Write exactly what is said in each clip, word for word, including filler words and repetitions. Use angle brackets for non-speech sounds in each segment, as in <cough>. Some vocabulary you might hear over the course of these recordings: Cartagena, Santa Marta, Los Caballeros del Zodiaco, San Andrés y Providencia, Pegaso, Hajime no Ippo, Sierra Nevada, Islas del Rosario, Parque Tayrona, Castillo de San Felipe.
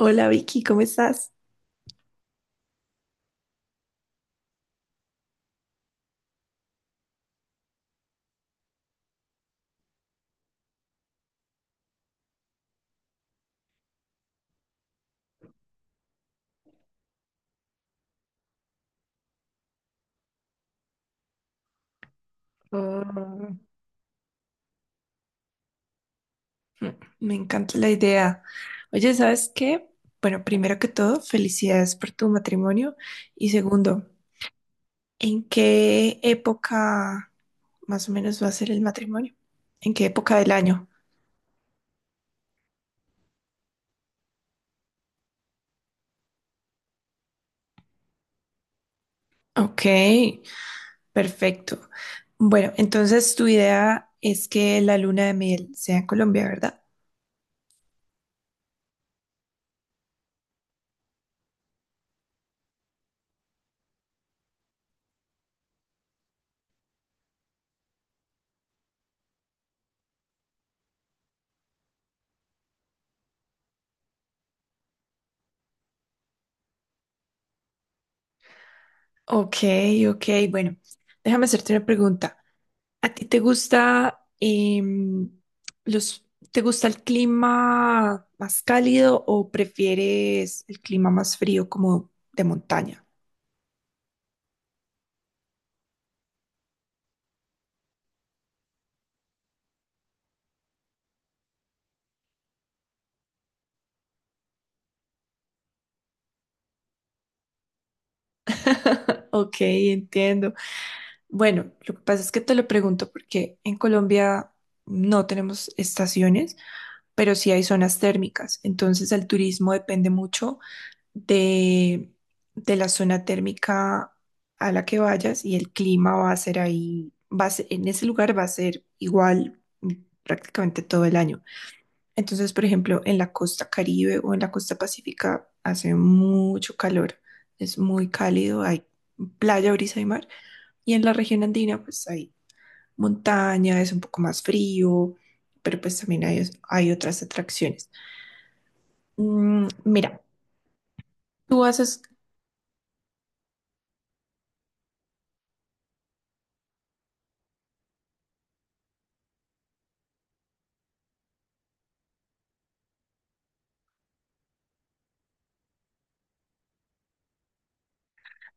Hola Vicky, ¿cómo estás? Oh, mm, me encanta la idea. Oye, ¿sabes qué? Bueno, primero que todo, felicidades por tu matrimonio. Y segundo, ¿en qué época más o menos va a ser el matrimonio? ¿En qué época del año? Ok, perfecto. Bueno, entonces tu idea es que la luna de miel sea en Colombia, ¿verdad? Ok, ok, bueno, déjame hacerte una pregunta. ¿A ti te gusta em, los, te gusta el clima más cálido o prefieres el clima más frío como de montaña? <laughs> Ok, entiendo. Bueno, lo que pasa es que te lo pregunto porque en Colombia no tenemos estaciones, pero sí hay zonas térmicas. Entonces el turismo depende mucho de, de la zona térmica a la que vayas y el clima va a ser ahí, va a ser- en ese lugar va a ser igual, mm, prácticamente todo el año. Entonces, por ejemplo, en la costa Caribe o en la costa Pacífica hace mucho calor, es muy cálido, hay playa, brisa y mar. Y en la región andina, pues hay montaña, es un poco más frío, pero pues también hay, hay otras atracciones. Mm, mira, tú haces.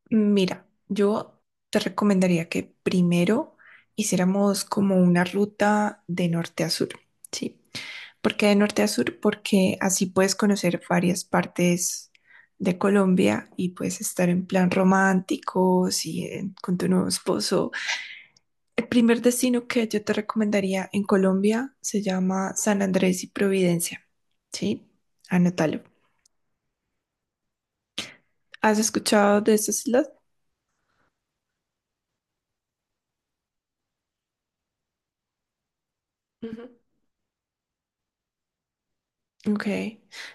Mira, yo te recomendaría que primero hiciéramos como una ruta de norte a sur, ¿sí? ¿Por qué de norte a sur? Porque así puedes conocer varias partes de Colombia y puedes estar en plan romántico, sí, en- con tu nuevo esposo. El primer destino que yo te recomendaría en Colombia se llama San Andrés y Providencia, ¿sí? Anótalo. ¿Has escuchado de esas islas? Ujú. Ok.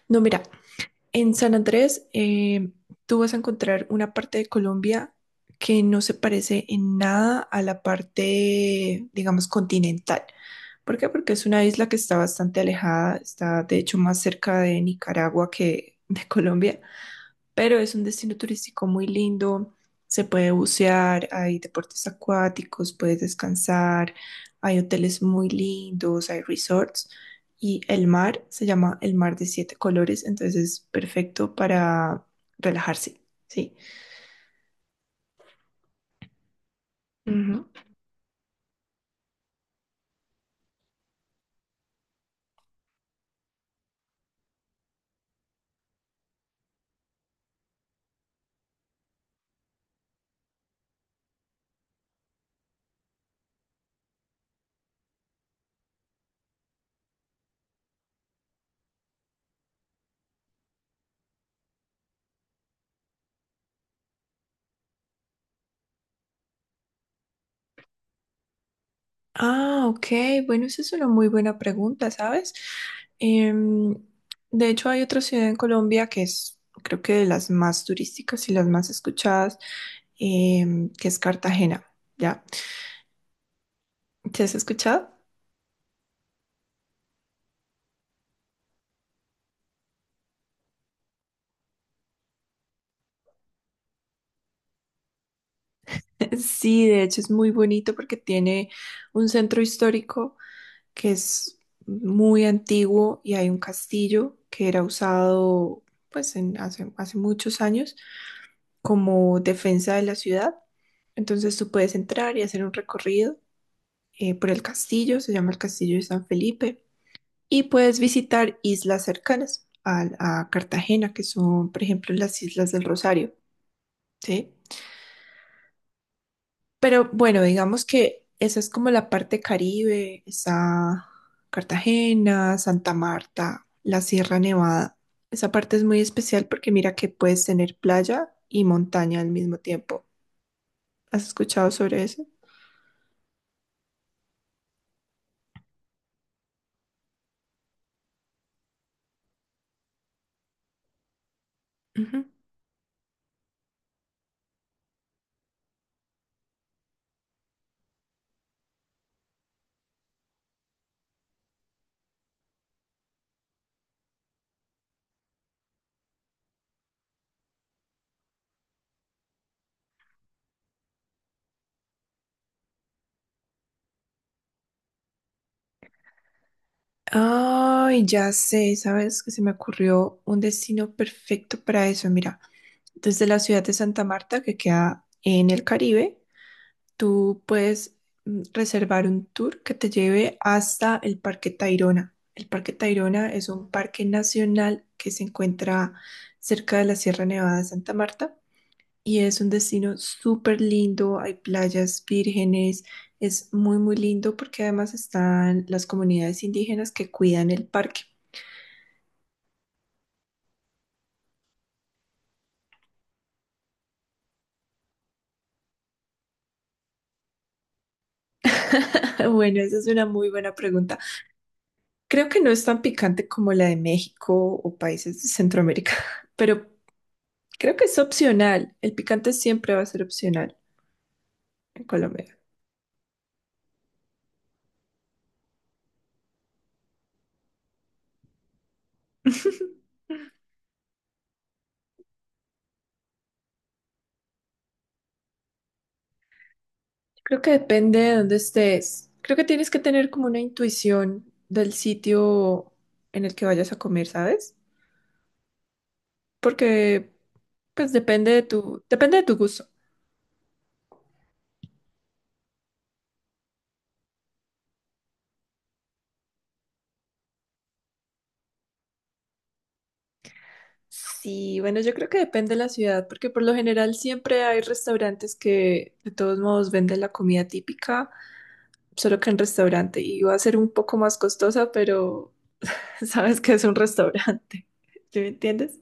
No, mira, en San Andrés, eh, tú vas a encontrar una parte de Colombia que no se parece en nada a la parte, digamos, continental. ¿Por qué? Porque es una isla que está bastante alejada, está de hecho más cerca de Nicaragua que de Colombia, pero es un destino turístico muy lindo. Se puede bucear, hay deportes acuáticos, puedes descansar, hay hoteles muy lindos, hay resorts y el mar se llama el mar de siete colores, entonces es perfecto para relajarse, ¿sí? Ujú. Ah, ok. Bueno, esa es una muy buena pregunta, ¿sabes? Em, de hecho, hay otra ciudad en Colombia que es, creo que de las más turísticas y las más escuchadas, em, que es Cartagena, ¿ya? ¿Te has escuchado? <laughs> Sí, de hecho es muy bonito porque tiene un centro histórico que es muy antiguo y hay un castillo que era usado pues en- hace, hace muchos años como defensa de la ciudad. Entonces tú puedes entrar y hacer un recorrido, eh, por el castillo, se llama el Castillo de San Felipe, y puedes visitar islas cercanas al- a Cartagena, que son, por ejemplo, las Islas del Rosario, ¿sí? Pero bueno, digamos que esa es como la parte Caribe, está Cartagena, Santa Marta, la Sierra Nevada. Esa parte es muy especial porque mira que puedes tener playa y montaña al mismo tiempo. ¿Has escuchado sobre eso? Ujú. Ay, ya sé, sabes que se me ocurrió un destino perfecto para eso. Mira, desde la ciudad de Santa Marta, que queda en el Caribe, tú puedes mm, reservar un tour que te lleve hasta el Parque Tayrona. El Parque Tayrona es un parque nacional que se encuentra cerca de la Sierra Nevada de Santa Marta y es un destino súper lindo. Hay playas vírgenes, es muy, muy lindo porque además están las comunidades indígenas que cuidan el parque. <laughs> Bueno, esa es una muy buena pregunta. Creo que no es tan picante como la de México o países de Centroamérica, <laughs> pero creo que es opcional. El picante siempre va a ser opcional en Colombia. <laughs> Creo que depende de dónde estés. Creo que tienes que tener como una intuición del sitio en el que vayas a comer, ¿sabes? Porque pues depende de tu, depende de tu gusto. Sí, bueno, yo creo que depende de la ciudad, porque por lo general siempre hay restaurantes que de todos modos venden la comida típica, solo que en restaurante, y va a ser un poco más costosa, pero <laughs> sabes que es un restaurante. <laughs> ¿Sí me entiendes?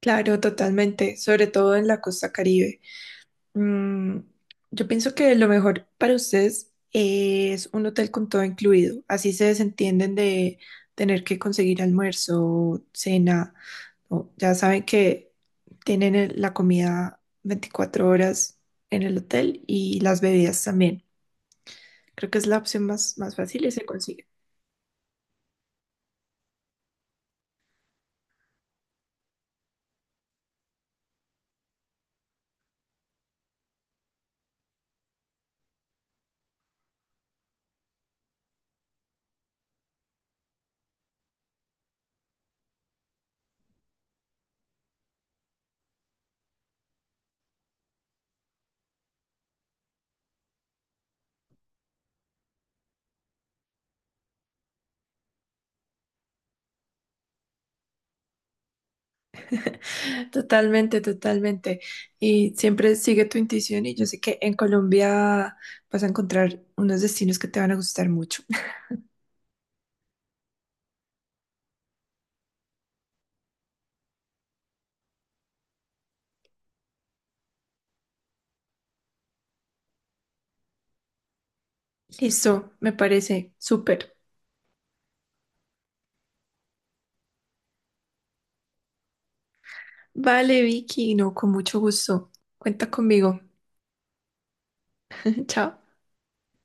Claro, totalmente, sobre todo en la costa Caribe. Mm, yo pienso que lo mejor para ustedes es un hotel con todo incluido. Así se desentienden de tener que conseguir almuerzo, cena. O- ya saben que tienen el- la comida veinticuatro horas en el hotel y las bebidas también. Creo que es la opción más, más fácil y se consigue. Totalmente, totalmente. Y siempre sigue tu intuición y yo sé que en Colombia vas a encontrar unos destinos que te van a gustar mucho. Listo, me parece súper. Vale, Vicky, no, con mucho gusto. Cuenta conmigo. <laughs> Chao.